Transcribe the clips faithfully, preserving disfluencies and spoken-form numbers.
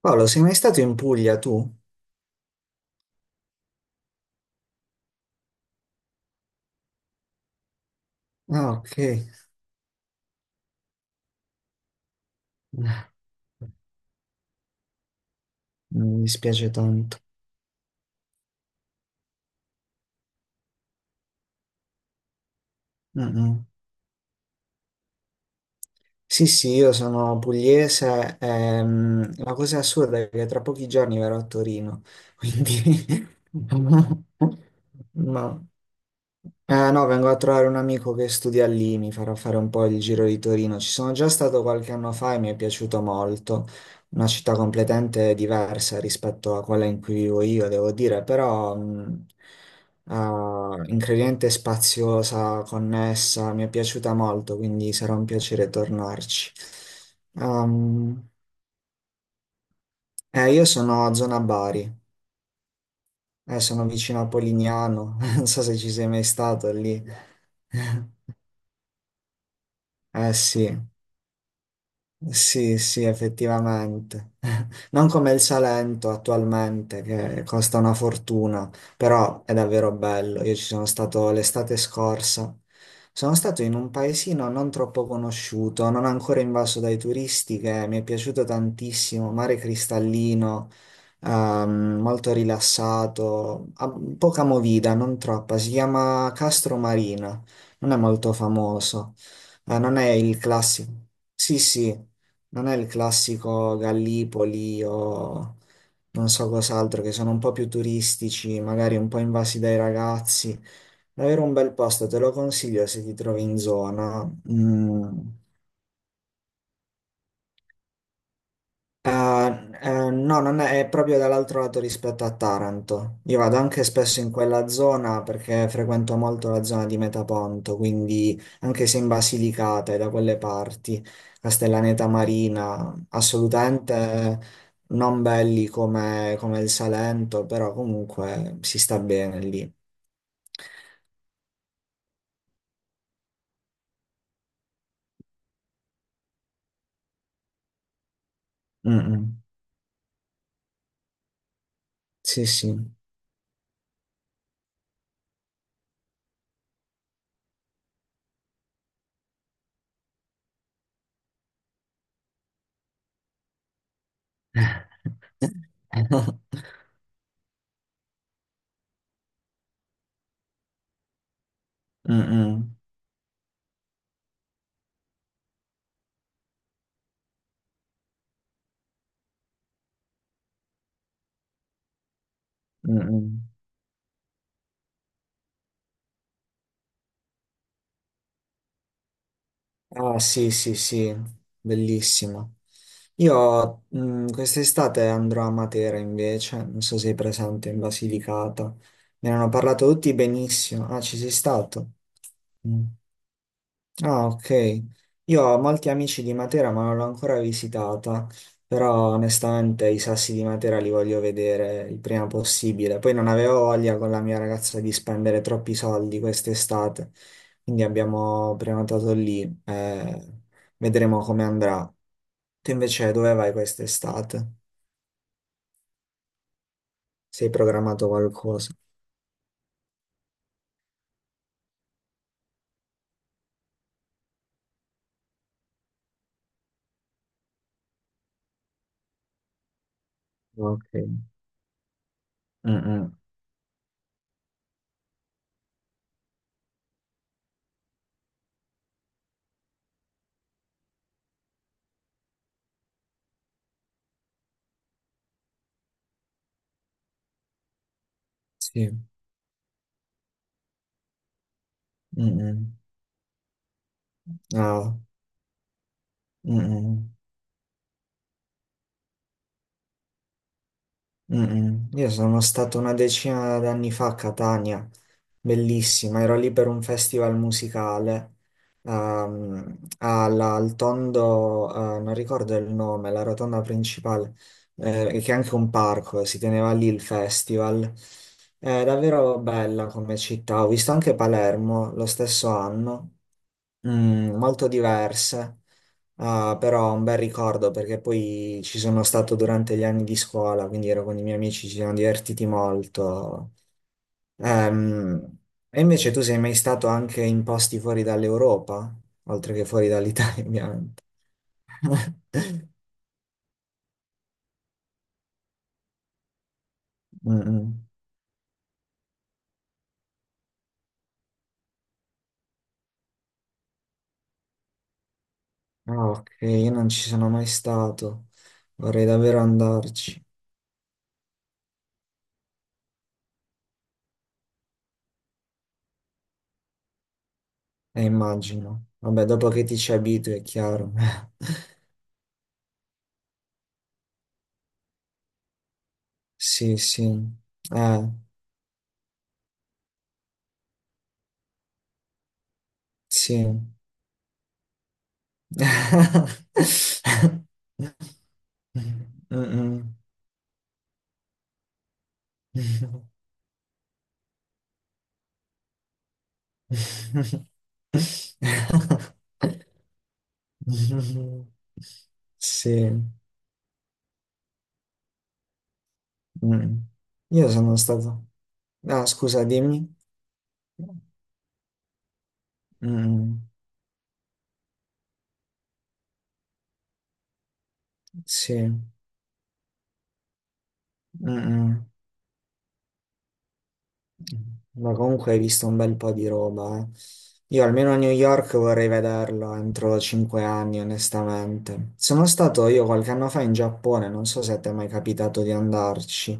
Paolo, sei mai stato in Puglia tu? Ah, ok. Mi dispiace tanto. Mm-mm. Sì, sì, io sono pugliese. Ehm, la cosa assurda è che tra pochi giorni verrò a Torino, quindi... No. Eh, no, vengo a trovare un amico che studia lì, mi farà fare un po' il giro di Torino. Ci sono già stato qualche anno fa e mi è piaciuto molto. Una città completamente diversa rispetto a quella in cui vivo io, devo dire, però... mh, ah, incredibile spaziosa, connessa, mi è piaciuta molto, quindi sarà un piacere tornarci. Ehm, eh, io sono a zona Bari, eh, sono vicino a Polignano, non so se ci sei mai stato lì. Eh sì. Sì, sì, effettivamente. Non come il Salento attualmente, che costa una fortuna, però è davvero bello. Io ci sono stato l'estate scorsa. Sono stato in un paesino non troppo conosciuto, non ancora invaso dai turisti, che mi è piaciuto tantissimo, mare cristallino, ehm, molto rilassato, ah, poca movida, non troppa. Si chiama Castro Marina, non è molto famoso, eh, non è il classico. Sì, sì. Non è il classico Gallipoli o non so cos'altro, che sono un po' più turistici, magari un po' invasi dai ragazzi. Davvero un bel posto, te lo consiglio se ti trovi in zona. Mm, Ah, eh, no, non è, è proprio dall'altro lato rispetto a Taranto. Io vado anche spesso in quella zona perché frequento molto la zona di Metaponto, quindi anche se in Basilicata e da quelle parti, Castellaneta Marina, assolutamente non belli come, come il Salento, però comunque si sta bene lì. Mm, mm. Sì, sì. Mm, mm. Mm, mm. Ah, sì, sì, sì, bellissimo. Io mh, quest'estate andrò a Matera invece, non so se sei presente in Basilicata. Me ne hanno parlato tutti benissimo. Ah, ci sei stato? Mm. Ah, ok. Io ho molti amici di Matera, ma non l'ho ancora visitata, però onestamente i sassi di Matera li voglio vedere il prima possibile. Poi non avevo voglia con la mia ragazza di spendere troppi soldi quest'estate, quindi abbiamo prenotato lì. Eh, vedremo come andrà. Tu invece dove vai quest'estate? Sei programmato qualcosa? Ok. Mm-mm. Sì. Mm-mm. Ah. Mm-mm. Mm-mm. Io sono stato una decina d'anni fa a Catania, bellissima, ero lì per un festival musicale, ehm, alla- al tondo, eh, non ricordo il nome, la rotonda principale, eh, che è anche un parco, eh, si teneva lì il festival. È davvero bella come città, ho visto anche Palermo lo stesso anno. Mm, molto diverse, ah, però un bel ricordo perché poi ci sono stato durante gli anni di scuola, quindi ero con i miei amici, ci siamo divertiti molto. Ehm, e invece tu sei mai stato anche in posti fuori dall'Europa, oltre che fuori dall'Italia, ovviamente. Mm, mm. Ah, ok, io non ci sono mai stato, vorrei davvero andarci, eh, immagino. Vabbè, dopo che ti ci abitui, è chiaro. Sì, sì. Eh, sì. Mm-mm. Sì. Mm. Io sono stato... Ah, scusa, dimmi. Mm. Sì. Mm-mm. Ma comunque hai visto un bel po' di roba, eh. Io almeno a New York vorrei vederlo entro cinque anni, onestamente. Sono stato io qualche anno fa in Giappone, non so se ti è mai capitato di andarci.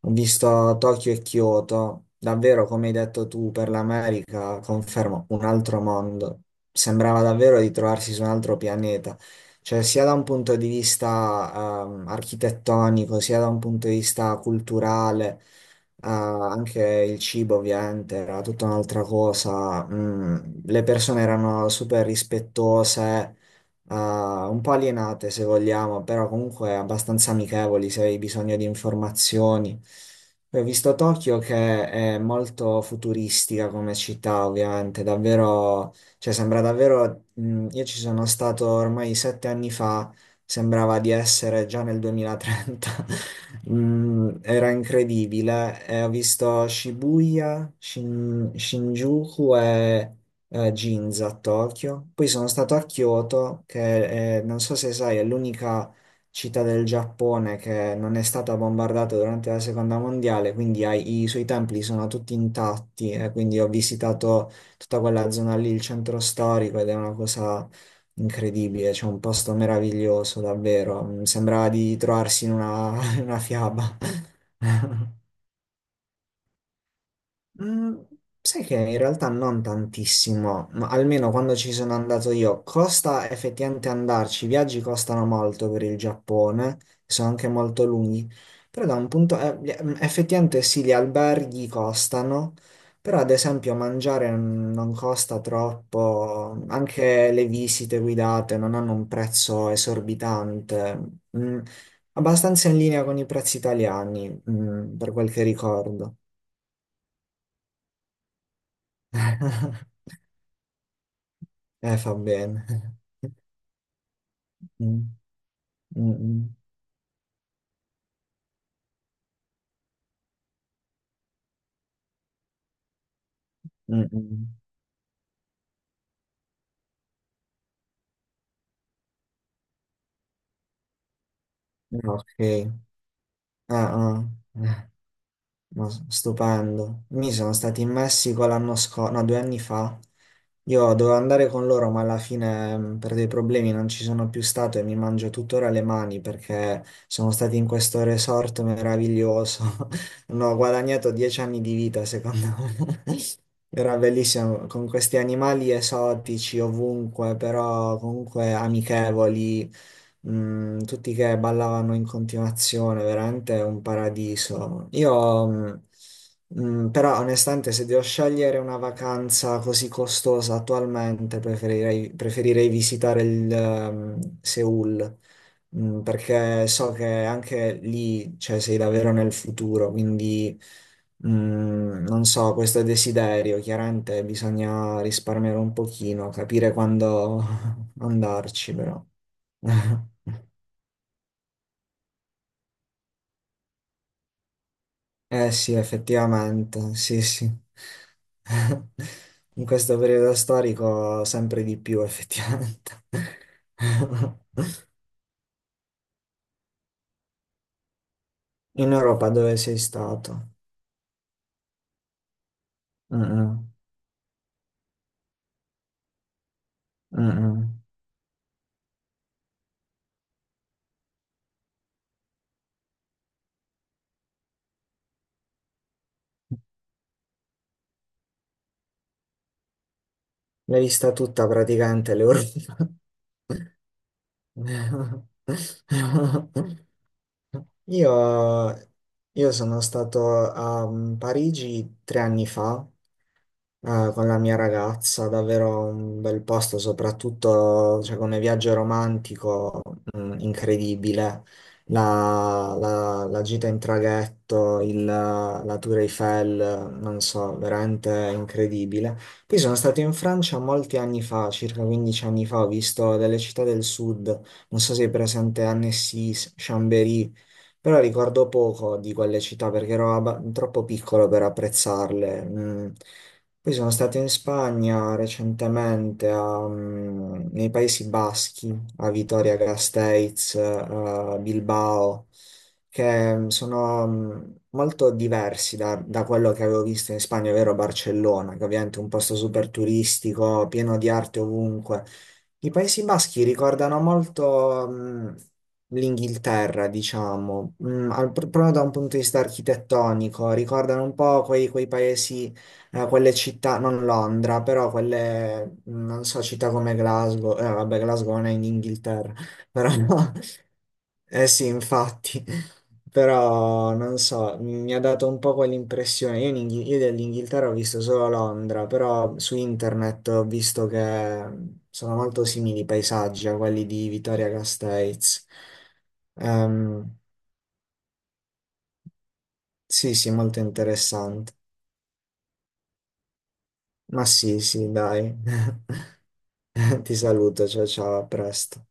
Ho visto Tokyo e Kyoto, davvero come hai detto tu, per l'America, confermo, un altro mondo. Sembrava davvero di trovarsi su un altro pianeta, cioè sia da un punto di vista ehm, architettonico, sia da un punto di vista culturale. Ah, anche il cibo ovviamente era tutta un'altra cosa. Mm, le persone erano super rispettose, ah, un po' alienate se vogliamo, però comunque abbastanza amichevoli se avevi bisogno di informazioni. Poi ho visto Tokyo che è molto futuristica come città, ovviamente, davvero, cioè sembra davvero, mm, io ci sono stato ormai sette anni fa, sembrava di essere già nel duemilatrenta. Mm, era incredibile. E ho visto Shibuya, Shin- Shinjuku e eh, Ginza a Tokyo. Poi sono stato a Kyoto, che eh, non so se sai, è l'unica città del Giappone che non è stata bombardata durante la seconda mondiale, quindi ha- i suoi templi sono tutti intatti e quindi ho visitato tutta quella zona lì, il centro storico, ed è una cosa incredibile, c'è un posto meraviglioso, davvero. Mi sembrava di trovarsi in una, in una fiaba. Mm, sai che in realtà non tantissimo, ma almeno quando ci sono andato io, costa effettivamente andarci, i viaggi costano molto per il Giappone, sono anche molto lunghi, però da un punto, eh, gli- mm, effettivamente sì, gli alberghi costano, però ad esempio mangiare mm, non costa troppo, anche le visite guidate non hanno un prezzo esorbitante, mm, abbastanza in linea con i prezzi italiani, mm, per quel che ricordo. Eh, fa bene. Mm, mm, mm, mm, mm. Ah, ok. Ah, ah. Eh, no, stupendo. Mi sono stati in Messico l'anno scorso, no, due anni fa. Io dovevo andare con loro, ma alla fine mh, per dei problemi non ci sono più stato e mi mangio tuttora le mani perché sono stati in questo resort meraviglioso. Non ho guadagnato dieci anni di vita, secondo me. Era bellissimo con questi animali esotici ovunque, però comunque amichevoli, mm, tutti che ballavano in continuazione, veramente un paradiso. Io, mm, mm, però onestamente, se devo scegliere una vacanza così costosa attualmente, preferirei, preferirei visitare il, ehm, Seoul, mm, perché so che anche lì, cioè, sei davvero nel futuro, quindi... Mm, non so, questo desiderio, chiaramente bisogna risparmiare un pochino, capire quando andarci, però. Eh sì, effettivamente, sì, sì. In questo periodo storico sempre di più, effettivamente. In Europa dove sei stato? Mm, mm, mm. L'hai vista tutta praticamente l'Europa. Io, io sono stato a mm, Parigi tre anni fa, ah, con la mia ragazza, davvero un bel posto, soprattutto cioè, come viaggio romantico, mh, incredibile. La, la- la gita in traghetto, il- la Tour Eiffel, non so, veramente incredibile. Poi sono stato in Francia molti anni fa, circa quindici anni fa, ho visto delle città del sud, non so se è presente Annecy, Chambéry, però ricordo poco di quelle città perché ero abba- troppo piccolo per apprezzarle. Mm. Poi sono stato in Spagna recentemente, a, mm, nei Paesi Baschi, a Vitoria Gasteiz, eh, Bilbao, che mm, sono mm, molto diversi da, da quello che avevo visto in Spagna, ovvero Barcellona, che ovviamente è un posto super turistico, pieno di arte ovunque. I Paesi Baschi ricordano molto mm, l'Inghilterra, diciamo, mm, al- proprio da un punto di vista architettonico, ricordano un po' quei quei paesi eh, quelle città, non Londra, però quelle, mh, non so, città come Glasgow, eh, vabbè, Glasgow non è in Inghilterra, però, eh sì, infatti, però, non so, mi ha dato un po' quell'impressione, io, in Inghi- io dell'Inghilterra ho visto solo Londra, però su internet ho visto che sono molto simili i paesaggi a quelli di Vittoria Castells. Ehm, sì, sì, molto interessante, ma sì, sì, dai. Ti saluto, ciao ciao, a presto.